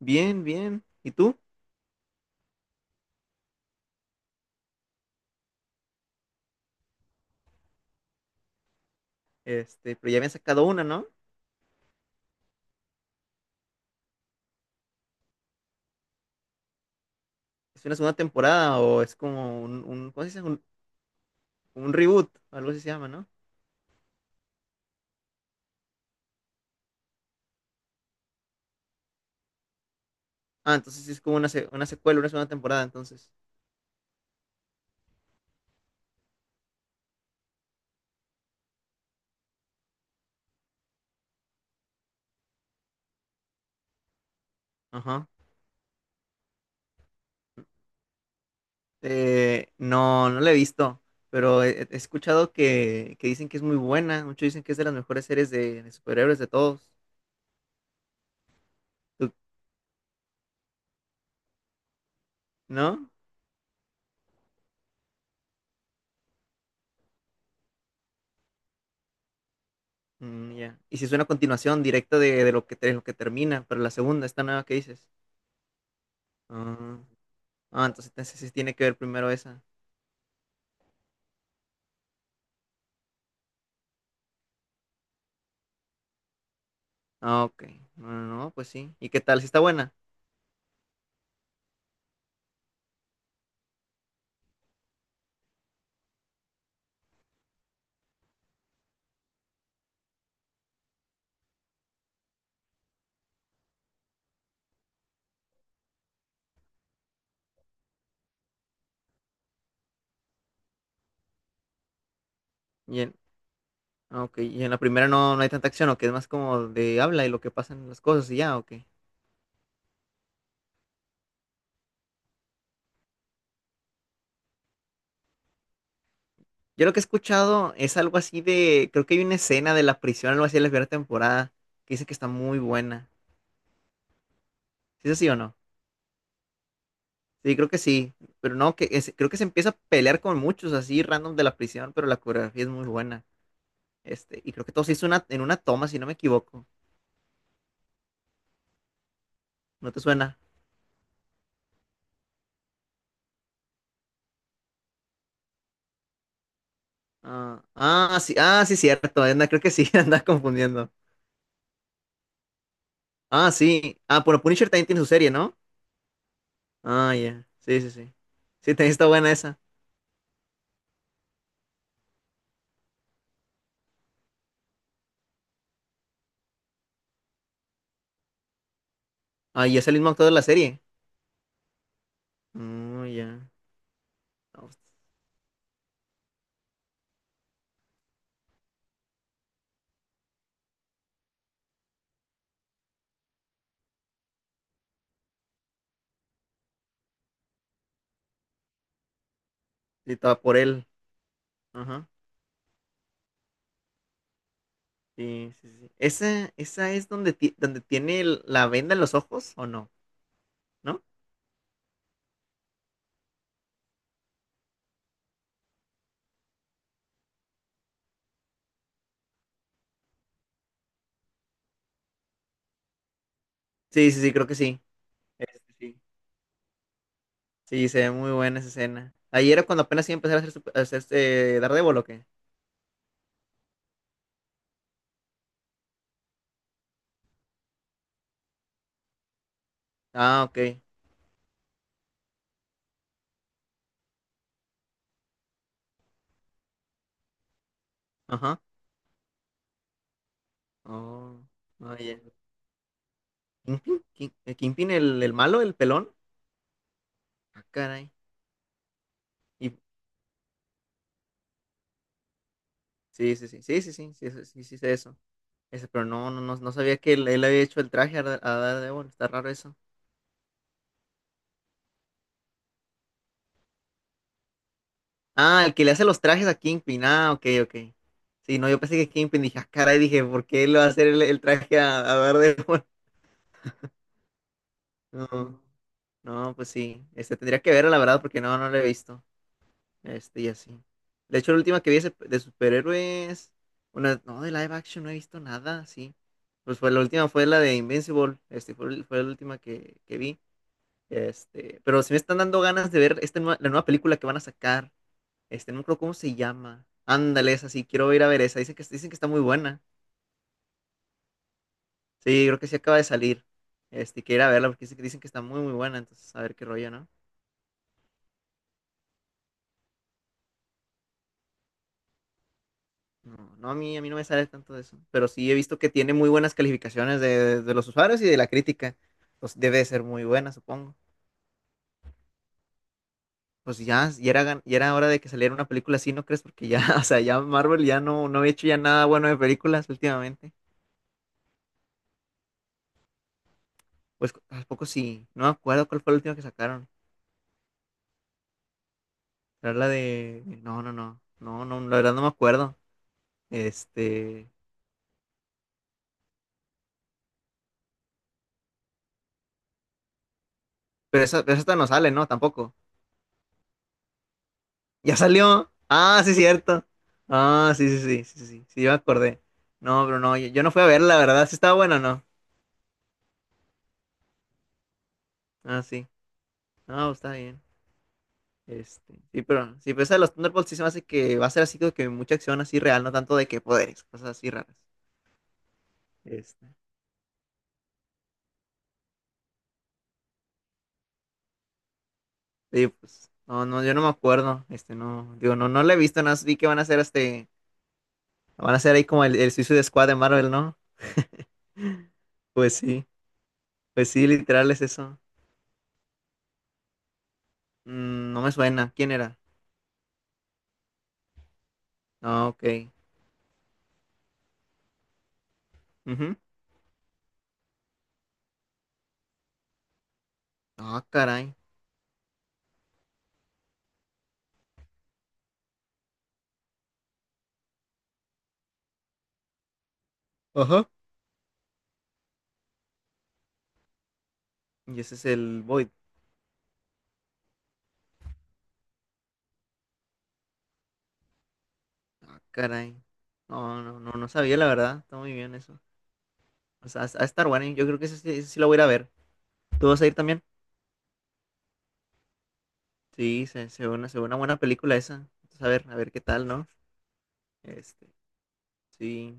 Bien, bien. ¿Y tú? Pero ya habían sacado una, ¿no? ¿Es una segunda temporada o es como ¿cómo se dice? Un reboot, algo así se llama, ¿no? Ah, entonces sí es como una secuela, una segunda temporada, entonces. Ajá. No, no la he visto, pero he escuchado que dicen que es muy buena. Muchos dicen que es de las mejores series de superhéroes de todos. ¿Tú- ¿No? Mm, ya. Y si es una continuación directa de lo lo que termina, pero la segunda, esta nueva que dices. Ah, ah, entonces, entonces sí tiene que ver primero esa. Ah, ok. No, no, no, pues sí. ¿Y qué tal? ¿Si está buena? Y en, ah, ok. Y en la primera no, no hay tanta acción, o que es más como de habla y lo que pasan las cosas y ya, ok. Yo lo que he escuchado es algo así de, creo que hay una escena de la prisión, algo así de la primera temporada, que dice que está muy buena. ¿Sí es así o no? Sí, creo que sí. Pero no, creo que se empieza a pelear con muchos así random de la prisión, pero la coreografía es muy buena. Y creo que todo se hizo en una toma, si no me equivoco. ¿No te suena? Sí, ah, sí, cierto. Anda, creo que sí, anda confundiendo. Ah, sí. Ah, bueno, Punisher también tiene su serie, ¿no? Ah, ya. Sí, sí, sí. Sí, también está buena esa. Ah, y es el mismo actor de la serie. Ah, ya. No, pues, sí, estaba por él. Ajá. Sí, sí, sí. ¿Esa, esa es donde, donde tiene la venda en los ojos o no? ¿No? Sí, sí, sí, creo que sí. Sí. Sí, se ve muy buena esa escena. Ahí era cuando apenas iba a empezar a hacer, a hacer este Daredevil, ¿o qué? Ah, ok. Ajá. Oh, ah, ya. ¿Kingpin? ¿Kingpin el malo, el pelón? Ah, caray. ¿Y, sí, sí, sí, sí, sí, sí, sí, sí, sí, sí sé eso. Ese, pero no, no, no, no sabía que él había hecho el traje a, a Daredevil, está raro eso. Ah, el que le hace los trajes a Kingpin, ah, ok, ok. Sí, no, yo pensé que Kingpin, dije, ah, caray, dije, ¿por qué él va a hacer el traje a Daredevil? No, no, pues sí, tendría que verlo, la verdad, porque no, no lo he visto, y así. De hecho, la última que vi de superhéroes, una, no, de live action no he visto nada, sí. Pues fue la última, fue la de Invincible, fue la última que vi. Pero si me están dando ganas de ver esta la nueva película que van a sacar. No creo cómo se llama. Ándale, esa sí, quiero ir a ver esa. Dicen que está muy buena. Sí, creo que sí acaba de salir. Quiero ir a verla porque dicen que está muy, muy buena. Entonces, a ver qué rollo, ¿no? No, no, a mí no me sale tanto de eso. Pero sí he visto que tiene muy buenas calificaciones de los usuarios y de la crítica. Pues debe de ser muy buena, supongo. Pues ya era hora de que saliera una película así, ¿no crees? Porque ya, o sea, ya Marvel ya no, no había hecho ya nada bueno de películas últimamente. Pues tampoco sí. No me acuerdo cuál fue la última que sacaron. Era la de. No, no, no. No, no, la verdad no me acuerdo. Este. Pero esa, pero esta no sale, ¿no? Tampoco. Ya salió. Ah, sí, cierto. Ah, sí, sí, sí, sí, sí, sí, sí, yo me acordé. No, pero no, yo no fui a verla, la verdad. Sí estaba buena o no. Ah, sí. No, está bien. Pero esa de los Thunderbolts sí se me hace que va a ser así como que mucha acción así real, no tanto de que poderes, cosas así raras. Este, Sí, pues, no, no, yo no me acuerdo, digo, no, no la he visto, no vi que van a hacer van a hacer ahí como el Suicide Squad de Marvel, ¿no? Pues sí, pues sí, literal es eso. Mm, no me suena, ¿quién era? Ah, ok. Ujú. Ah, caray. Ajá. Y ese es el Void. Ah, caray. No, no, no, no sabía la verdad, está muy bien eso. O sea, a estar bueno, yo creo que ese sí lo voy a ir a ver. ¿Tú vas a ir también? Sí, se ve se ve una buena película esa. Entonces, a ver qué tal, ¿no? Este, sí.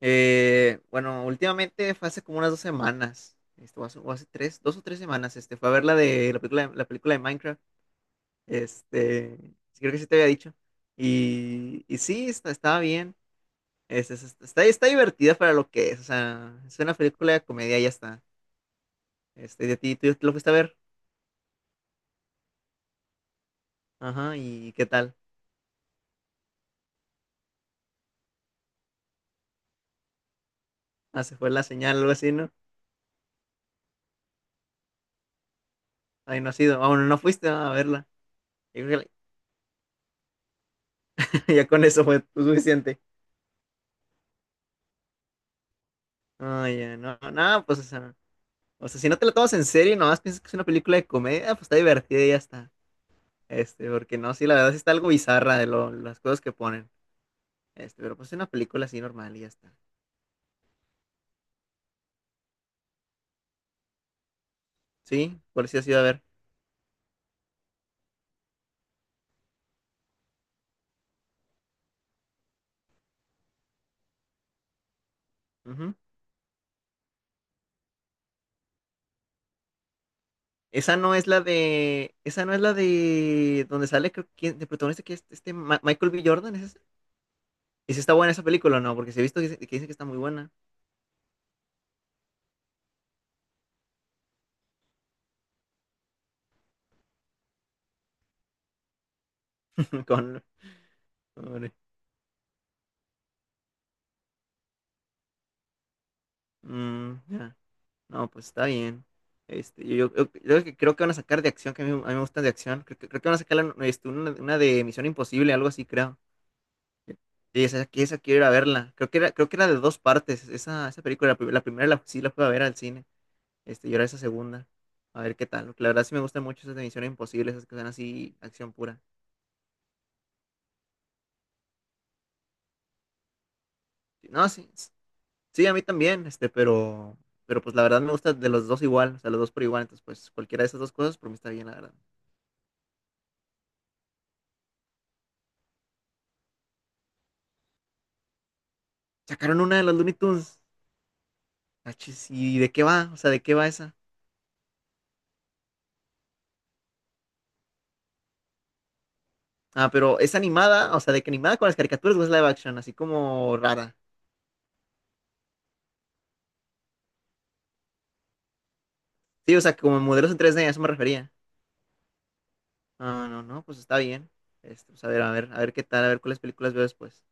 Bueno, últimamente fue hace como unas dos semanas, o hace tres, dos o tres semanas, fue a ver la de la película de Minecraft, este, sí, creo que sí te había dicho, y sí, estaba bien, está, está divertida para lo que es, o sea, es una película de comedia, y ya está, tú lo fuiste a ver, ajá, y qué tal, ah, se fue la señal, algo así, ¿no? Ay, no has ido, ah, bueno, no fuiste a verla. Yo creo que ya con eso fue suficiente, ay, ya, no, no, pues, o sea. O sea, si no te la tomas en serio y nomás piensas que es una película de comedia, pues está divertida y ya está. Porque no, sí, la verdad sí está algo bizarra de las cosas que ponen. Pero pues es una película así normal y ya está. Sí, por si has ido a ver. Ujú. Esa no es la de. Esa no es la de. Donde sale, creo que de protagonista que es este Michael B. Jordan, ¿es esa? ¿Y si está buena esa película o no? Porque si he visto que dicen que está muy buena. Con. Con- mm, ya. No, pues está bien. Yo creo que van a sacar de acción, que a mí me gustan de acción. Que creo que van a sacar una de Misión Imposible, algo así, creo. Y esa, que esa quiero ir a verla. Creo que era de dos partes. Esa película, la primera sí la fui a ver al cine. Y ahora esa segunda. A ver qué tal, porque la verdad sí me gustan mucho esas de Misión Imposible, esas que son así, acción pura. No, sí, a mí también, pero pues la verdad me gusta de los dos igual, o sea, los dos por igual. Entonces, pues cualquiera de esas dos cosas, por mí está bien, la verdad. Sacaron una de los Looney Tunes. Ah, chis, ¿y de qué va? O sea, ¿de qué va esa? Ah, pero es animada, o sea, de que animada con las caricaturas o es live action, así como rara. Sí, o sea, como modelos en 3D, a eso me refería. Ah, no, no, pues está bien. Pues a ver qué tal, a ver cuáles películas veo después.